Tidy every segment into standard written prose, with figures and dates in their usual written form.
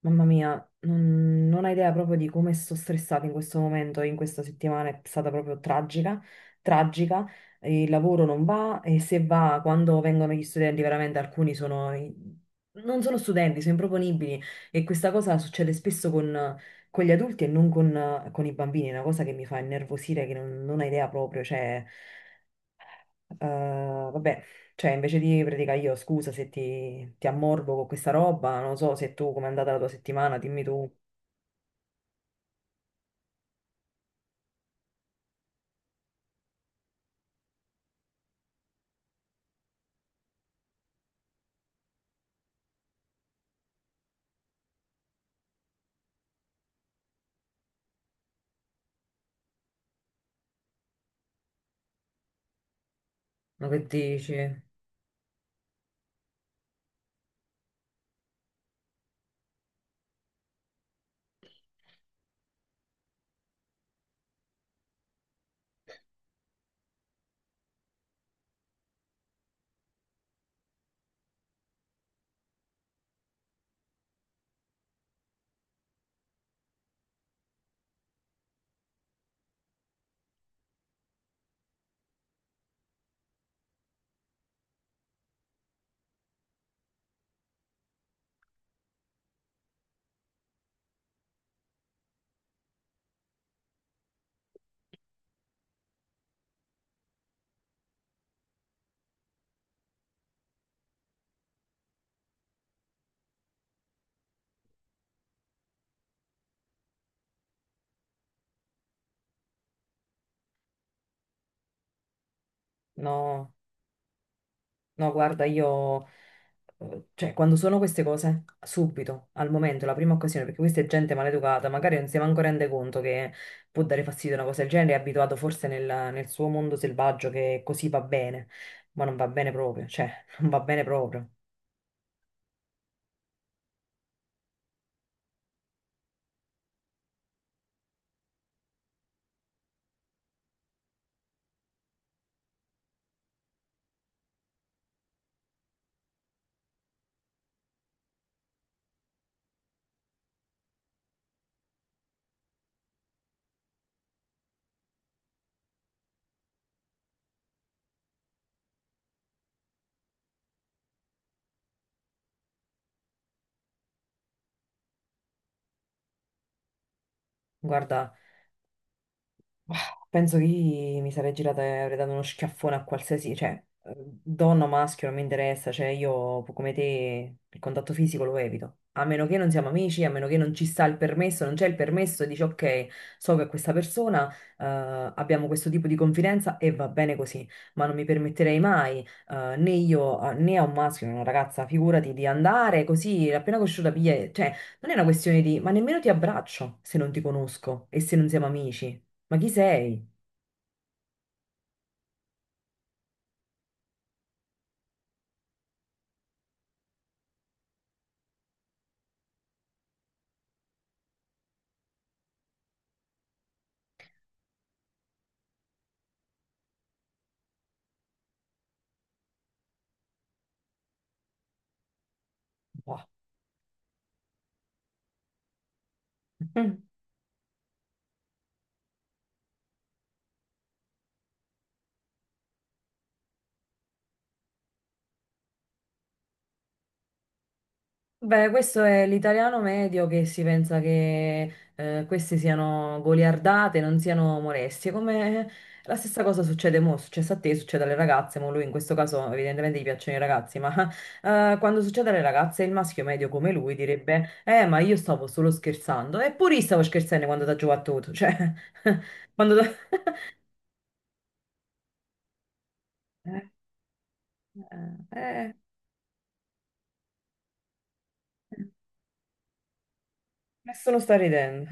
Mamma mia, non hai idea proprio di come sto stressata in questo momento, in questa settimana è stata proprio tragica, tragica, il lavoro non va e se va, quando vengono gli studenti, veramente alcuni sono, non sono studenti, sono improponibili e questa cosa succede spesso con gli adulti e non con i bambini, è una cosa che mi fa innervosire, che non hai idea proprio, cioè... Vabbè, cioè invece di praticare io, scusa se ti ammorbo con questa roba, non so se tu, com'è andata la tua settimana, dimmi tu, no che dici? No, no, guarda, io, cioè quando sono queste cose, subito, al momento, la prima occasione, perché questa è gente maleducata, magari non si manco rende conto che può dare fastidio una cosa del genere, è abituato forse nel suo mondo selvaggio che così va bene, ma non va bene proprio, cioè non va bene proprio. Guarda. Penso che io mi sarei girata e avrei dato uno schiaffone a qualsiasi, cioè, donna o maschio, non mi interessa, cioè io come te il contatto fisico lo evito. A meno che non siamo amici, a meno che non ci sta il permesso, non c'è il permesso e dici ok, so che questa persona, abbiamo questo tipo di confidenza e va bene così, ma non mi permetterei mai, né io né a un maschio né a una ragazza, figurati, di andare così, appena conosciuta, cioè, non è una questione di, ma nemmeno ti abbraccio se non ti conosco e se non siamo amici. Ma chi sei? Qua. Mm. Beh, questo è l'italiano medio che si pensa che queste siano goliardate, non siano molestie, come la stessa cosa succede mo, è successa a te, succede alle ragazze, mo lui in questo caso evidentemente gli piacciono i ragazzi, ma quando succede alle ragazze il maschio medio come lui direbbe, ma io stavo solo scherzando, eppure io stavo scherzando quando ti ha giocato tu, cioè, quando t'ha- eh, eh, eh, nessuno sta ridendo.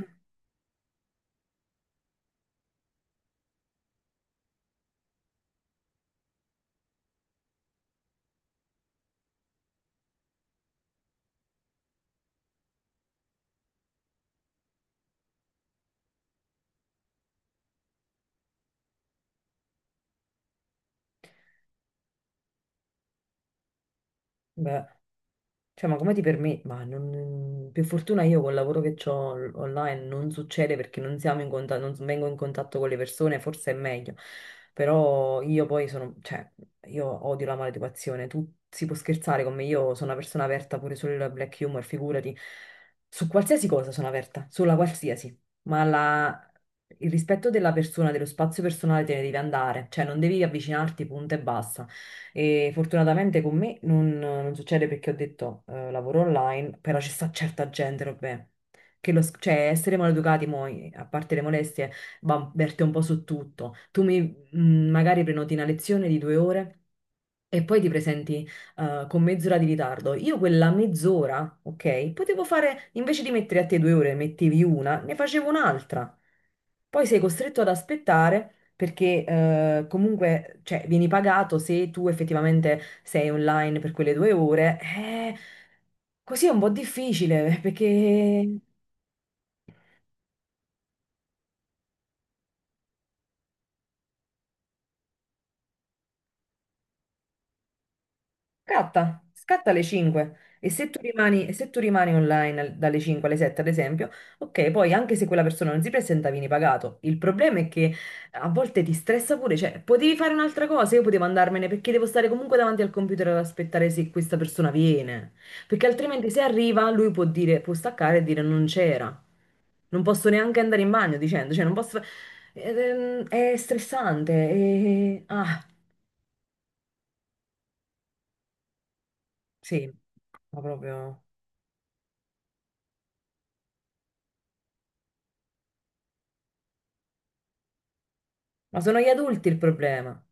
Beh. Cioè, ma come ti permetti? Ma non... per fortuna io col lavoro che ho online non succede perché non siamo in contatto, non vengo in contatto con le persone, forse è meglio. Però io poi sono, cioè, io odio la maleducazione. Tu si può scherzare con me, io sono una persona aperta pure sul black humor, figurati. Su qualsiasi cosa sono aperta, sulla qualsiasi. Ma la- il rispetto della persona, dello spazio personale te ne devi andare. Cioè, non devi avvicinarti, punto e basta. E fortunatamente con me non succede perché ho detto lavoro online, però ci sta certa gente, vabbè, che cioè essere maleducati, mo, a parte le molestie, va, verte un po' su tutto. Tu mi, magari prenoti una lezione di 2 ore e poi ti presenti con mezz'ora di ritardo. Io quella mezz'ora, ok, potevo fare, invece di mettere a te 2 ore, mettevi una, ne facevo un'altra. Poi sei costretto ad aspettare perché comunque, cioè, vieni pagato se tu effettivamente sei online per quelle 2 ore. Così è un po' difficile, perché... Scatta, scatta alle 5 e se tu rimani, e se tu rimani online dalle 5 alle 7, ad esempio, ok, poi anche se quella persona non si presenta, vieni pagato. Il problema è che a volte ti stressa pure, cioè potevi fare un'altra cosa, io potevo andarmene perché devo stare comunque davanti al computer ad aspettare se questa persona viene, perché altrimenti se arriva lui può dire, può staccare e dire non c'era. Non posso neanche andare in bagno dicendo, cioè non posso... È stressante, e... ah, sì, ma proprio... Ma sono gli adulti il problema.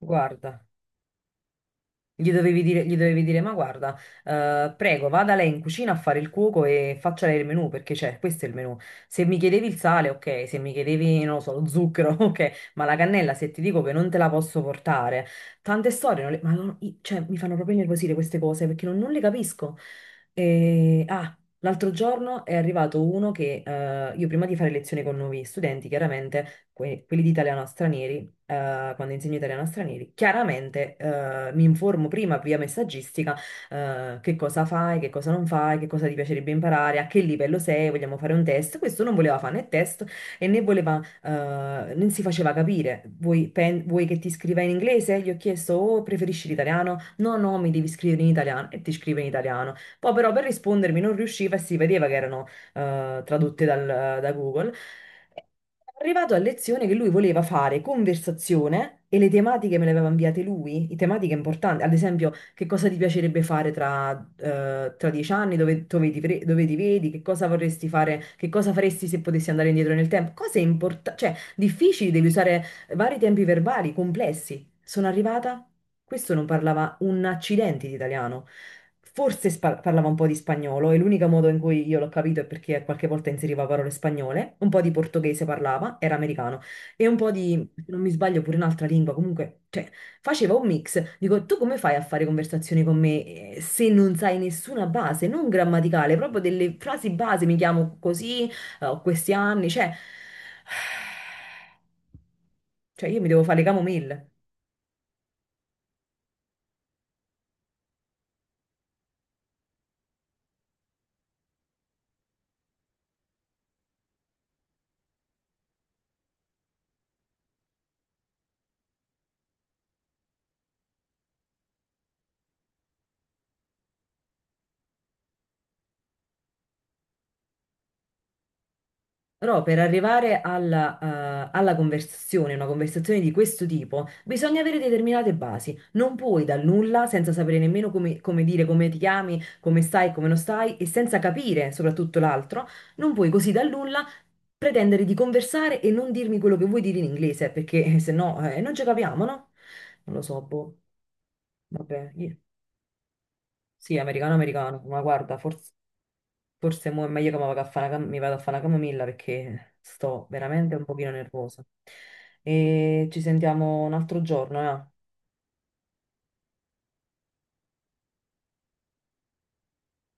Guarda, gli dovevi dire, ma guarda, prego, vada lei in cucina a fare il cuoco e faccia lei il menù, perché c'è, questo è il menù. Se mi chiedevi il sale, ok, se mi chiedevi, non lo so, lo zucchero, ok, ma la cannella, se ti dico che non te la posso portare, tante storie, non le- ma non- i- cioè, mi fanno proprio innervosire queste cose, perché non le capisco. E, ah, l'altro giorno è arrivato uno che, io prima di fare lezione con nuovi studenti, chiaramente, quelli di italiano a stranieri, quando insegno italiano a stranieri, chiaramente mi informo prima via messaggistica che cosa fai, che cosa non fai, che cosa ti piacerebbe imparare, a che livello sei, vogliamo fare un test. Questo non voleva fare né test e né voleva, non si faceva capire. Vuoi, vuoi che ti scriva in inglese? Gli ho chiesto, oh, preferisci l'italiano? No, no, mi devi scrivere in italiano e ti scrive in italiano. Poi però per rispondermi non riusciva e si vedeva che erano eh, tradotte dal- da Google. Arrivato a lezione che lui voleva fare conversazione e le tematiche me le aveva inviate lui, i tematiche importanti, ad esempio che cosa ti piacerebbe fare tra 10 anni, dove ti, dove ti vedi, che cosa vorresti fare, che cosa faresti se potessi andare indietro nel tempo, cose importanti, cioè difficili, devi usare vari tempi verbali complessi. Sono arrivata, questo non parlava un accidente di italiano, forse parlava un po' di spagnolo e l'unico modo in cui io l'ho capito è perché qualche volta inseriva parole spagnole, un po' di portoghese parlava, era americano e un po' di, se non mi sbaglio, pure un'altra lingua, comunque, cioè, faceva un mix. Dico, tu come fai a fare conversazioni con me se non sai nessuna base, non grammaticale, proprio delle frasi base, mi chiamo così, ho questi anni, cioè, cioè io mi devo fare le camomille. Però per arrivare alla, alla conversazione, una conversazione di questo tipo, bisogna avere determinate basi. Non puoi dal nulla, senza sapere nemmeno come, come dire, come ti chiami, come stai, come non stai, e senza capire soprattutto l'altro, non puoi così dal nulla pretendere di conversare e non dirmi quello che vuoi dire in inglese, perché se no non ci capiamo, no? Non lo so, boh. Vabbè, io- sì, americano, americano, ma guarda, forse mo è meglio che mi vado a fare una, mi vado a fare una camomilla perché sto veramente un pochino nervosa. E ci sentiamo un altro giorno, eh?